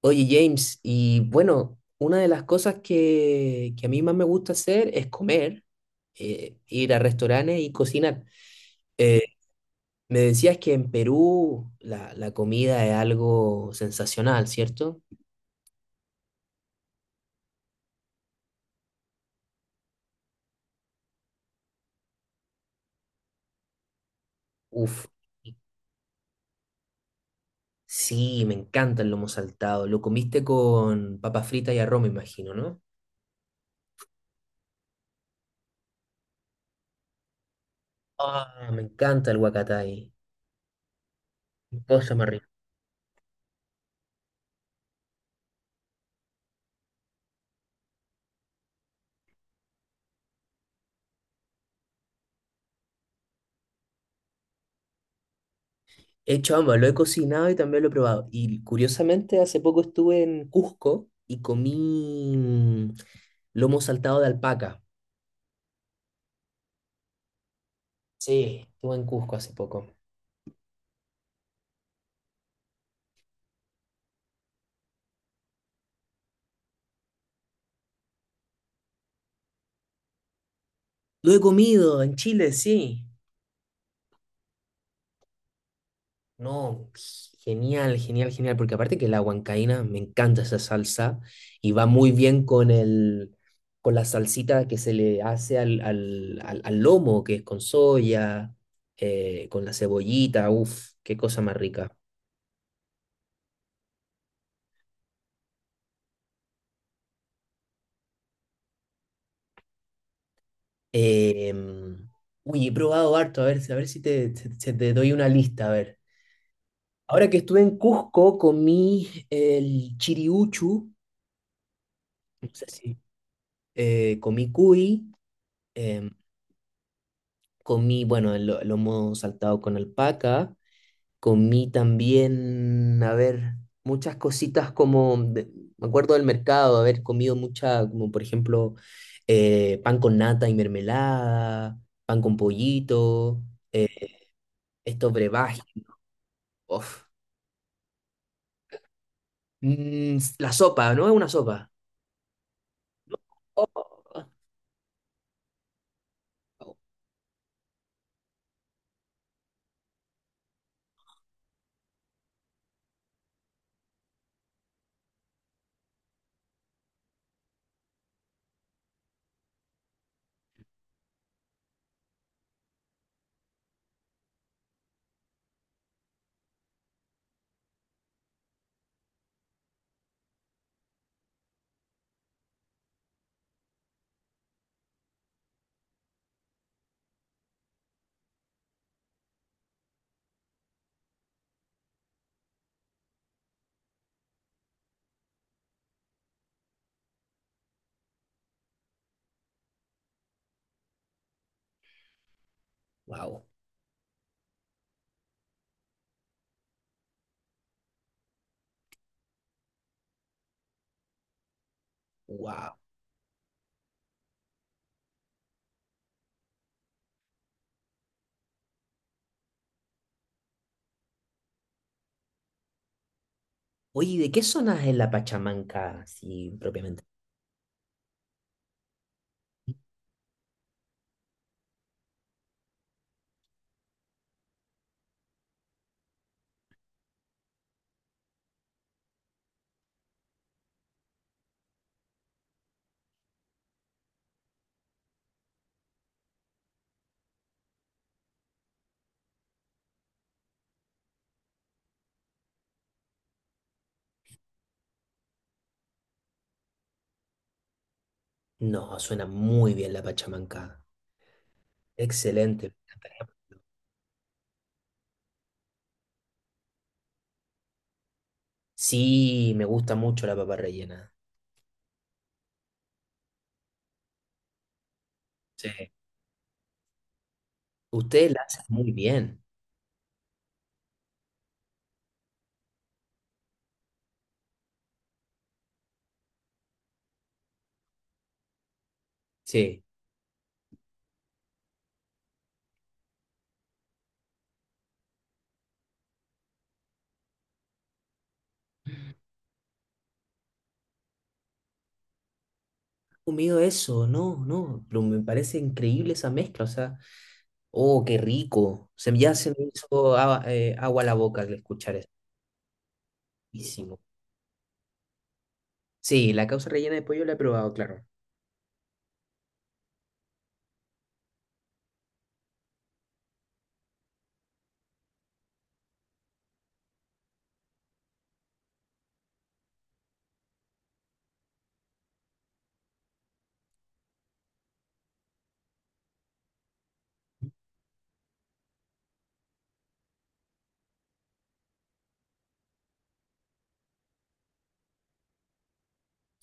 Oye, James, y bueno, una de las cosas que a mí más me gusta hacer es comer, ir a restaurantes y cocinar. Eh, me decías que en Perú la comida es algo sensacional, ¿cierto? Uf, sí, me encanta el lomo saltado. Lo comiste con papas fritas y arroz, me imagino, ¿no? Ah, me encanta el huacatay. Cosa más rica. He hecho ambas, lo he cocinado y también lo he probado. Y curiosamente, hace poco estuve en Cusco y comí lomo saltado de alpaca. Sí, estuve en Cusco hace poco. Lo he comido en Chile, sí. No, genial, genial, genial, porque aparte que la huancaína, me encanta esa salsa y va muy bien con la salsita que se le hace al lomo, que es con soya, con la cebollita, uff, qué cosa más rica. Em, uy, he probado harto, a ver si se te doy una lista, a ver. Ahora que estuve en Cusco, comí el chiriuchu, no sé si, comí cuy, em, comí, bueno, lomo saltado con alpaca, comí también, a ver, muchas cositas me acuerdo del mercado, haber comido mucha, como por ejemplo, pan con nata y mermelada, pan con pollito, eh, estos brebajes. Uf. Mm, la sopa, ¿no? Es una sopa. Oh, wow, wow. Oye, ¿de qué zona es la Pachamanca, así propiamente? No, suena muy bien la Pachamanca. Excelente. Sí, me gusta mucho la papa rellena. Sí. Ustedes la hacen muy bien. Sí. Comido eso, no, no. Pero me parece increíble esa mezcla. O sea, oh, qué rico. Ya se me hizo agua, agua a la boca al escuchar eso. Buenísimo. Sí, la causa rellena de pollo la he probado, claro.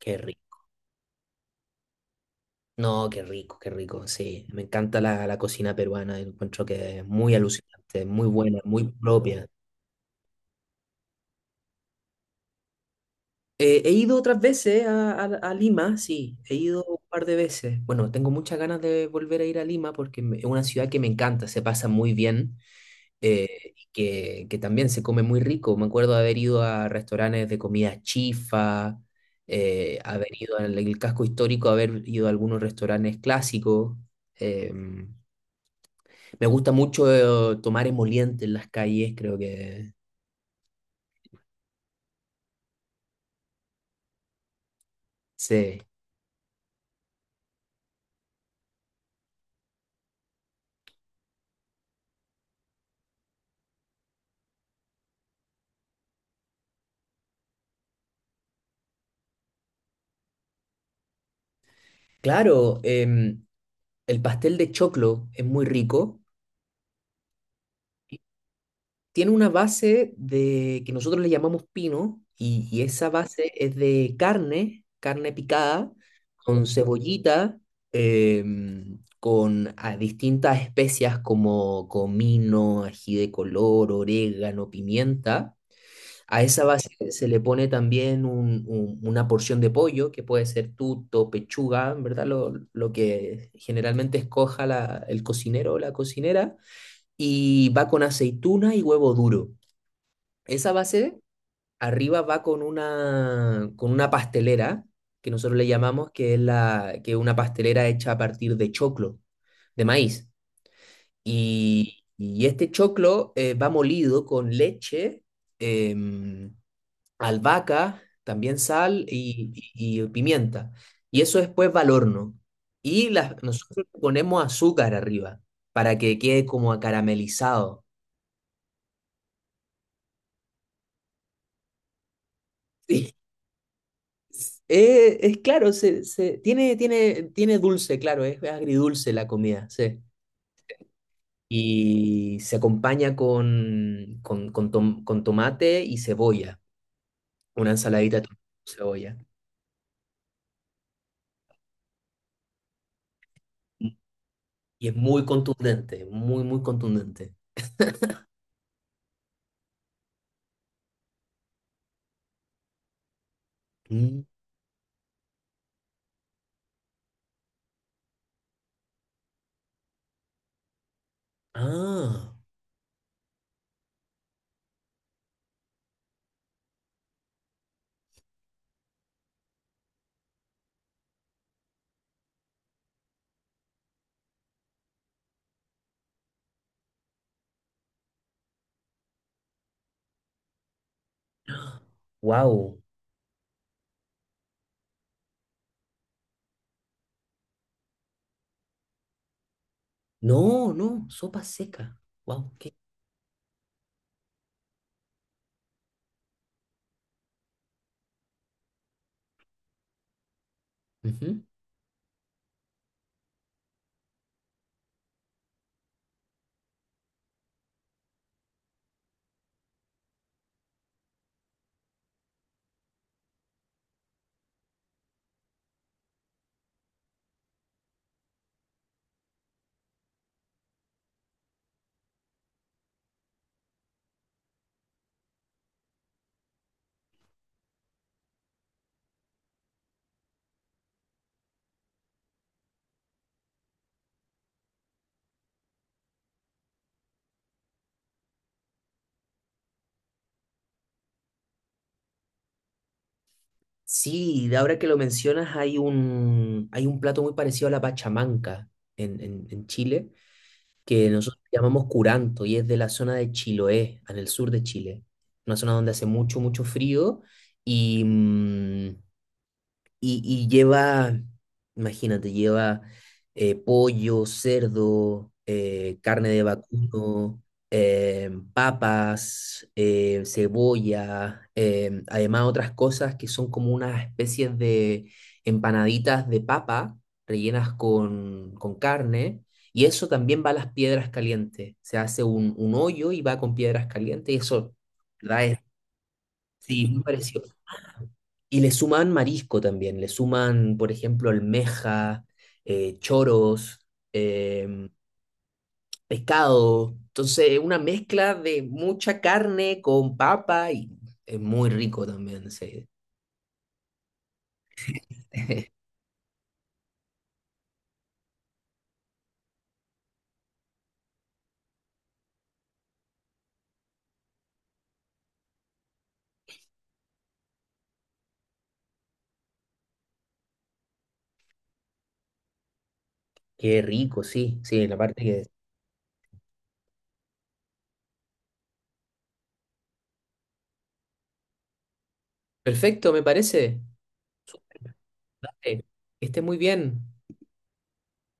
Qué rico. No, qué rico, qué rico. Sí, me encanta la cocina peruana. Encuentro que es muy alucinante, muy buena, muy propia. He ido otras veces a Lima, sí, he ido un par de veces. Bueno, tengo muchas ganas de volver a ir a Lima porque es una ciudad que me encanta, se pasa muy bien, y que también se come muy rico. Me acuerdo de haber ido a restaurantes de comida chifa, haber ido al el casco histórico, haber ido a algunos restaurantes clásicos. Em, Me gusta mucho tomar emoliente en las calles, creo que sí. Claro, em, el pastel de choclo es muy rico. Tiene una base de que nosotros le llamamos pino y esa base es de carne, carne picada, con cebollita, em, con ah, distintas especias como comino, ají de color, orégano, pimienta. A esa base se le pone también una porción de pollo, que puede ser tuto, pechuga, en verdad, lo que generalmente escoja el cocinero o la cocinera, y va con aceituna y huevo duro. Esa base arriba va con una pastelera, que nosotros le llamamos, que es que es una pastelera hecha a partir de choclo, de maíz. Y este choclo va molido con leche. Em, albahaca, también sal y pimienta. Y eso después va al horno. Y las, nosotros le ponemos azúcar arriba para que quede como acaramelizado. Sí. Es claro, tiene, tiene dulce, claro, es agridulce la comida, sí. Y se acompaña con tomate y cebolla, una ensaladita de tomate y cebolla. Y y es muy contundente, muy, muy contundente. Mm. Ah, wow. No, no, sopa seca. Wow, qué. Ujú. Sí, de ahora que lo mencionas, hay un plato muy parecido a la pachamanca en Chile, que nosotros llamamos curanto y es de la zona de Chiloé, en el sur de Chile. Una zona donde hace mucho, mucho frío y, mm, y lleva, imagínate, lleva pollo, cerdo, carne de vacuno, papas, cebolla, además otras cosas que son como unas especies de empanaditas de papa rellenas con carne. Y eso también va a las piedras calientes. Se hace un hoyo y va con piedras calientes y eso, ¿verdad? Es, sí, muy parecido. Y le suman marisco también, le suman, por ejemplo, almeja, choros, em, pescado. Entonces, una mezcla de mucha carne con papa y es muy rico también, sí. Qué rico, sí, sí, la parte que... Perfecto, me parece. Eh, Que esté muy bien.